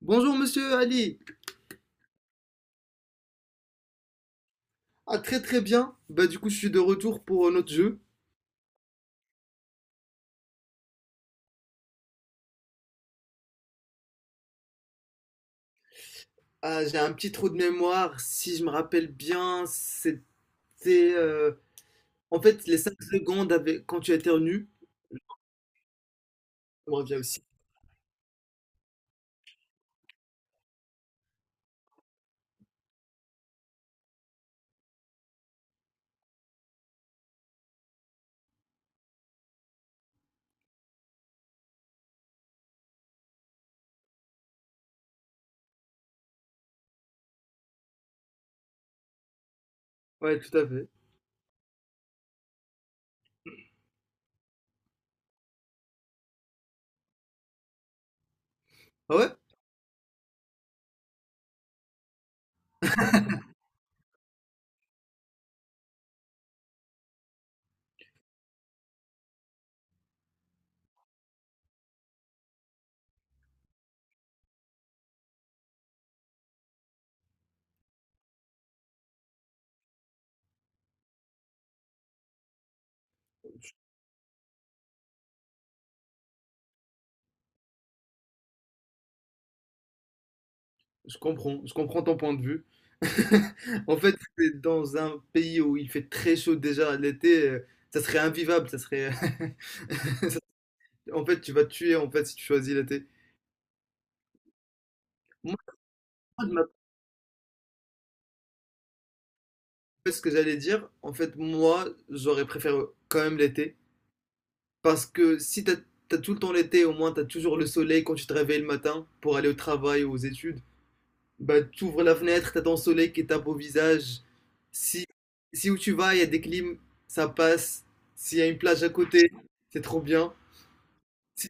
Bonjour monsieur Ali. Ah très très bien. Bah du coup je suis de retour pour notre jeu. Ah j'ai un petit trou de mémoire. Si je me rappelle bien, c'était euh, en fait les 5 secondes avec quand tu as éternues. On revient aussi. Ouais, tout à fait. Ah ouais? Je comprends. Je comprends ton point de vue. En fait, c'est dans un pays où il fait très chaud déjà l'été, ça serait invivable, ça serait... En fait, tu vas te tuer en fait si tu choisis l'été. Moi, fait, ce que j'allais dire, en fait, moi, j'aurais préféré quand même l'été. Parce que si t'as tout le temps l'été, au moins t'as toujours le soleil quand tu te réveilles le matin pour aller au travail ou aux études. Bah, t'ouvres la fenêtre, t'as ton soleil qui tape au visage. Si, si où tu vas, il y a des clims, ça passe. S'il y a une plage à côté, c'est trop bien. Si-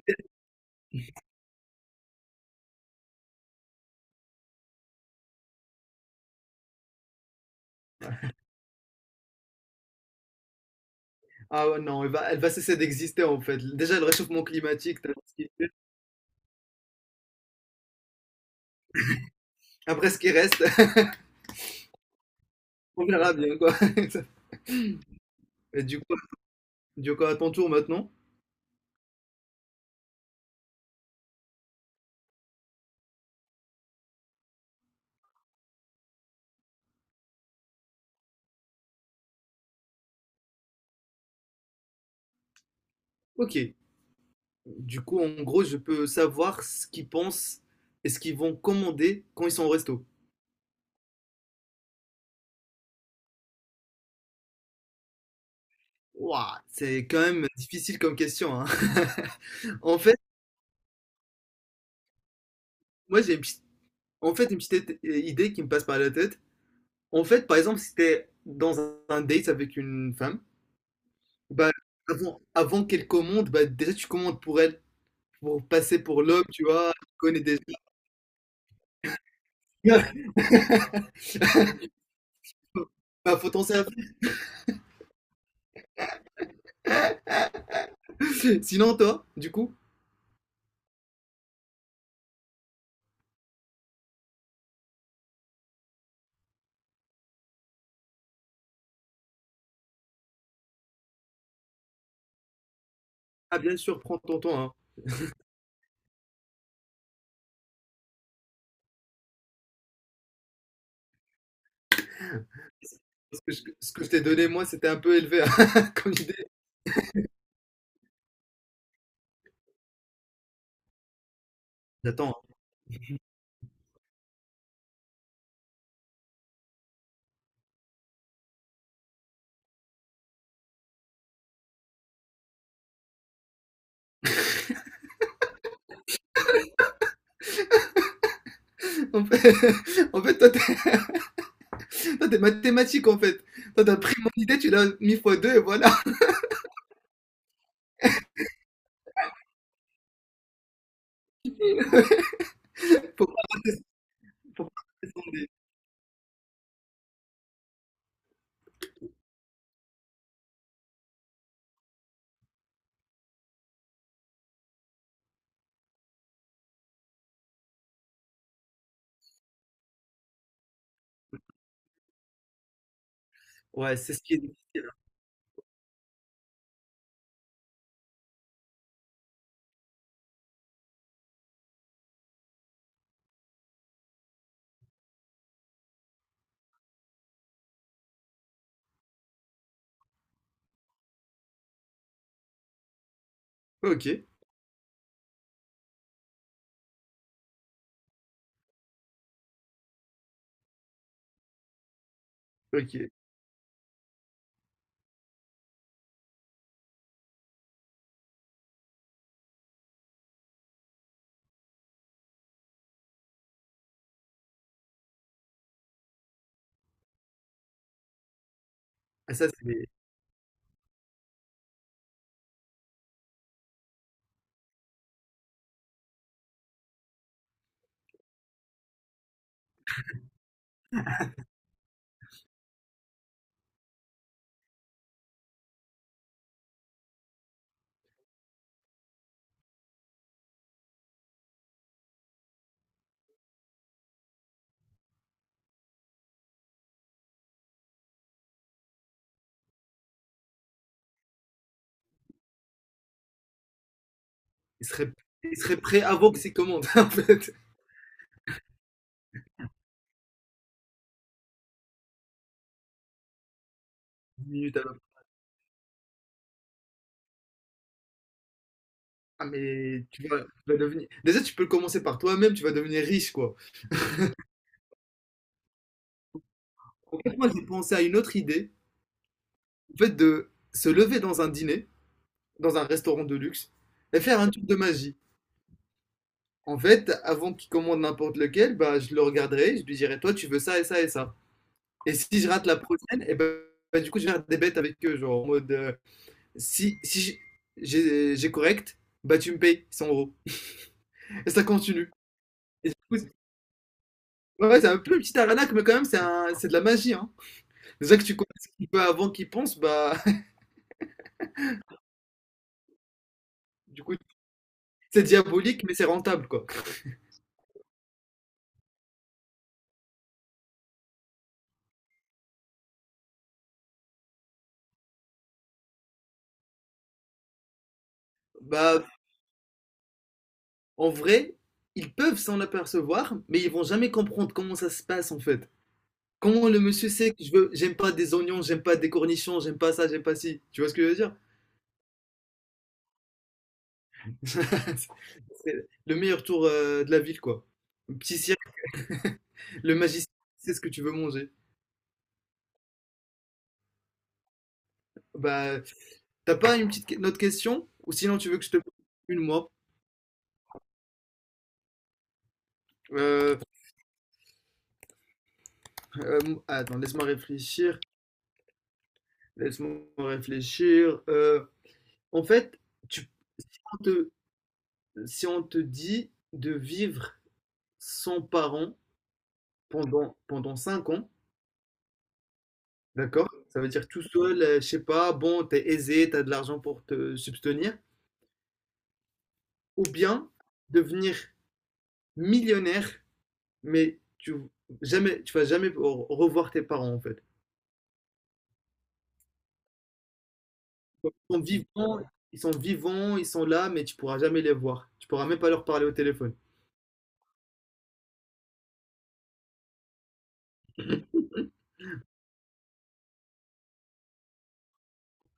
Ah ouais, non, elle va cesser d'exister en fait. Déjà, le réchauffement climatique, après ce qui reste, on verra bien quoi. Et du coup, à ton tour maintenant. Ok. Du coup, en gros, je peux savoir ce qu'ils pensent et ce qu'ils vont commander quand ils sont au resto. Ouah, c'est quand même difficile comme question, hein. En fait, moi j'ai une petite, en fait, une petite idée qui me passe par la tête. En fait, par exemple, si t'es dans un date avec une femme, bah, avant qu'elle commande, bah, déjà tu commandes pour elle, pour passer pour l'homme, tu vois, tu connais déjà. Bah, faut t'en servir. Sinon, toi, du coup, ah, bien sûr, prends ton temps, hein. Ce que je t'ai donné, moi, c'était un peu élevé comme idée. J'attends. En fait, en fait, toi, t'es mathématique, en fait. Toi, t'as pris mon idée, tu l'as mis fois deux, et voilà. Faut pas- faut pas- ouais, c'est ce qui est difficile, hein. Ok, ok. Ah, ça, c'est... Il serait... il serait prêt avant que c'est commande, en fait. 10 minutes à l'heure. Ah, mais tu vas devenir... Déjà, tu peux commencer par toi-même, tu vas devenir riche, quoi. En fait, moi, j'ai pensé à une autre idée, en fait, de se lever dans un dîner, dans un restaurant de luxe, et faire un tour de magie. En fait, avant qu'il commande n'importe lequel, bah, je le regarderai, je lui dirai, toi, tu veux ça et ça et ça. Et si je rate la prochaine, et ben, bah, du coup, je vais faire des bêtes avec eux, genre en mode, si j'ai correct, bah tu me payes 100 euros. Et ça continue. Et du coup, c'est- ouais, c'est un peu une petite arnaque, mais quand même, c'est de la magie, hein. Déjà que tu connais ce qu'il veut avant qu'il pense, bah, du coup, c'est diabolique, mais c'est rentable, quoi. Bah, en vrai, ils peuvent s'en apercevoir, mais ils vont jamais comprendre comment ça se passe, en fait. Comment le monsieur sait que je veux, j'aime pas des oignons, j'aime pas des cornichons, j'aime pas ça, j'aime pas ci. Tu vois ce que je veux dire? C'est le meilleur tour de la ville, quoi. Un petit cirque, le magicien sait ce que tu veux manger. Bah, t'as pas une autre question? Ou sinon, tu veux que je te pose une, moi? Euh, euh, attends, laisse-moi réfléchir. Laisse-moi réfléchir. En fait, tu, on te- si on te dit de vivre sans parents pendant 5 ans. D'accord, ça veut dire tout seul, je sais pas, bon, t'es aisé, t'as de l'argent pour te subvenir, ou bien devenir millionnaire, mais tu vas jamais revoir tes parents en fait. Ils sont vivants, ils sont vivants, ils sont là, mais tu pourras jamais les voir. Tu pourras même pas leur parler au téléphone.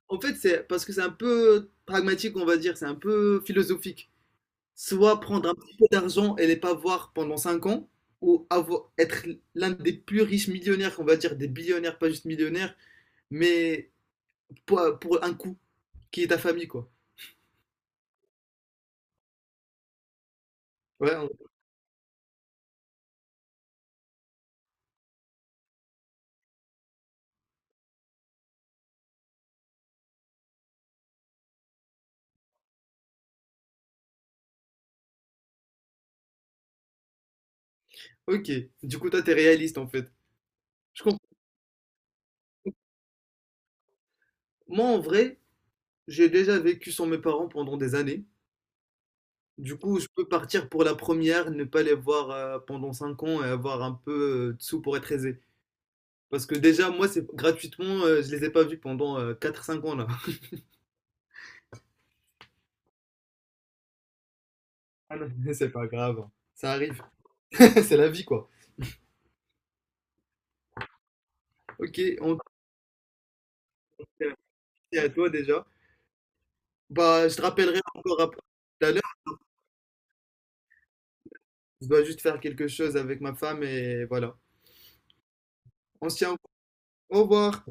En fait, c'est parce que c'est un peu pragmatique, on va dire, c'est un peu philosophique. Soit prendre un petit peu d'argent et les pas voir pendant 5 ans, ou avoir, être l'un des plus riches millionnaires, on va dire des billionnaires, pas juste millionnaires mais pour un coup, qui est ta famille, quoi. Ouais, ok. Du coup, toi, t'es réaliste, en fait. Je comprends. Moi, en vrai, j'ai déjà vécu sans mes parents pendant des années. Du coup, je peux partir pour la première, ne pas les voir pendant 5 ans et avoir un peu de sous pour être aisé. Parce que déjà, moi, c'est gratuitement, je les ai pas vus pendant 4 5 ans, là. Ah non, c'est pas grave, hein. Ça arrive. C'est la vie, quoi. Ok, on... Merci à toi déjà. Bah, je te rappellerai encore après tout à l'heure. Je dois juste faire quelque chose avec ma femme et voilà. On se tient au Au revoir.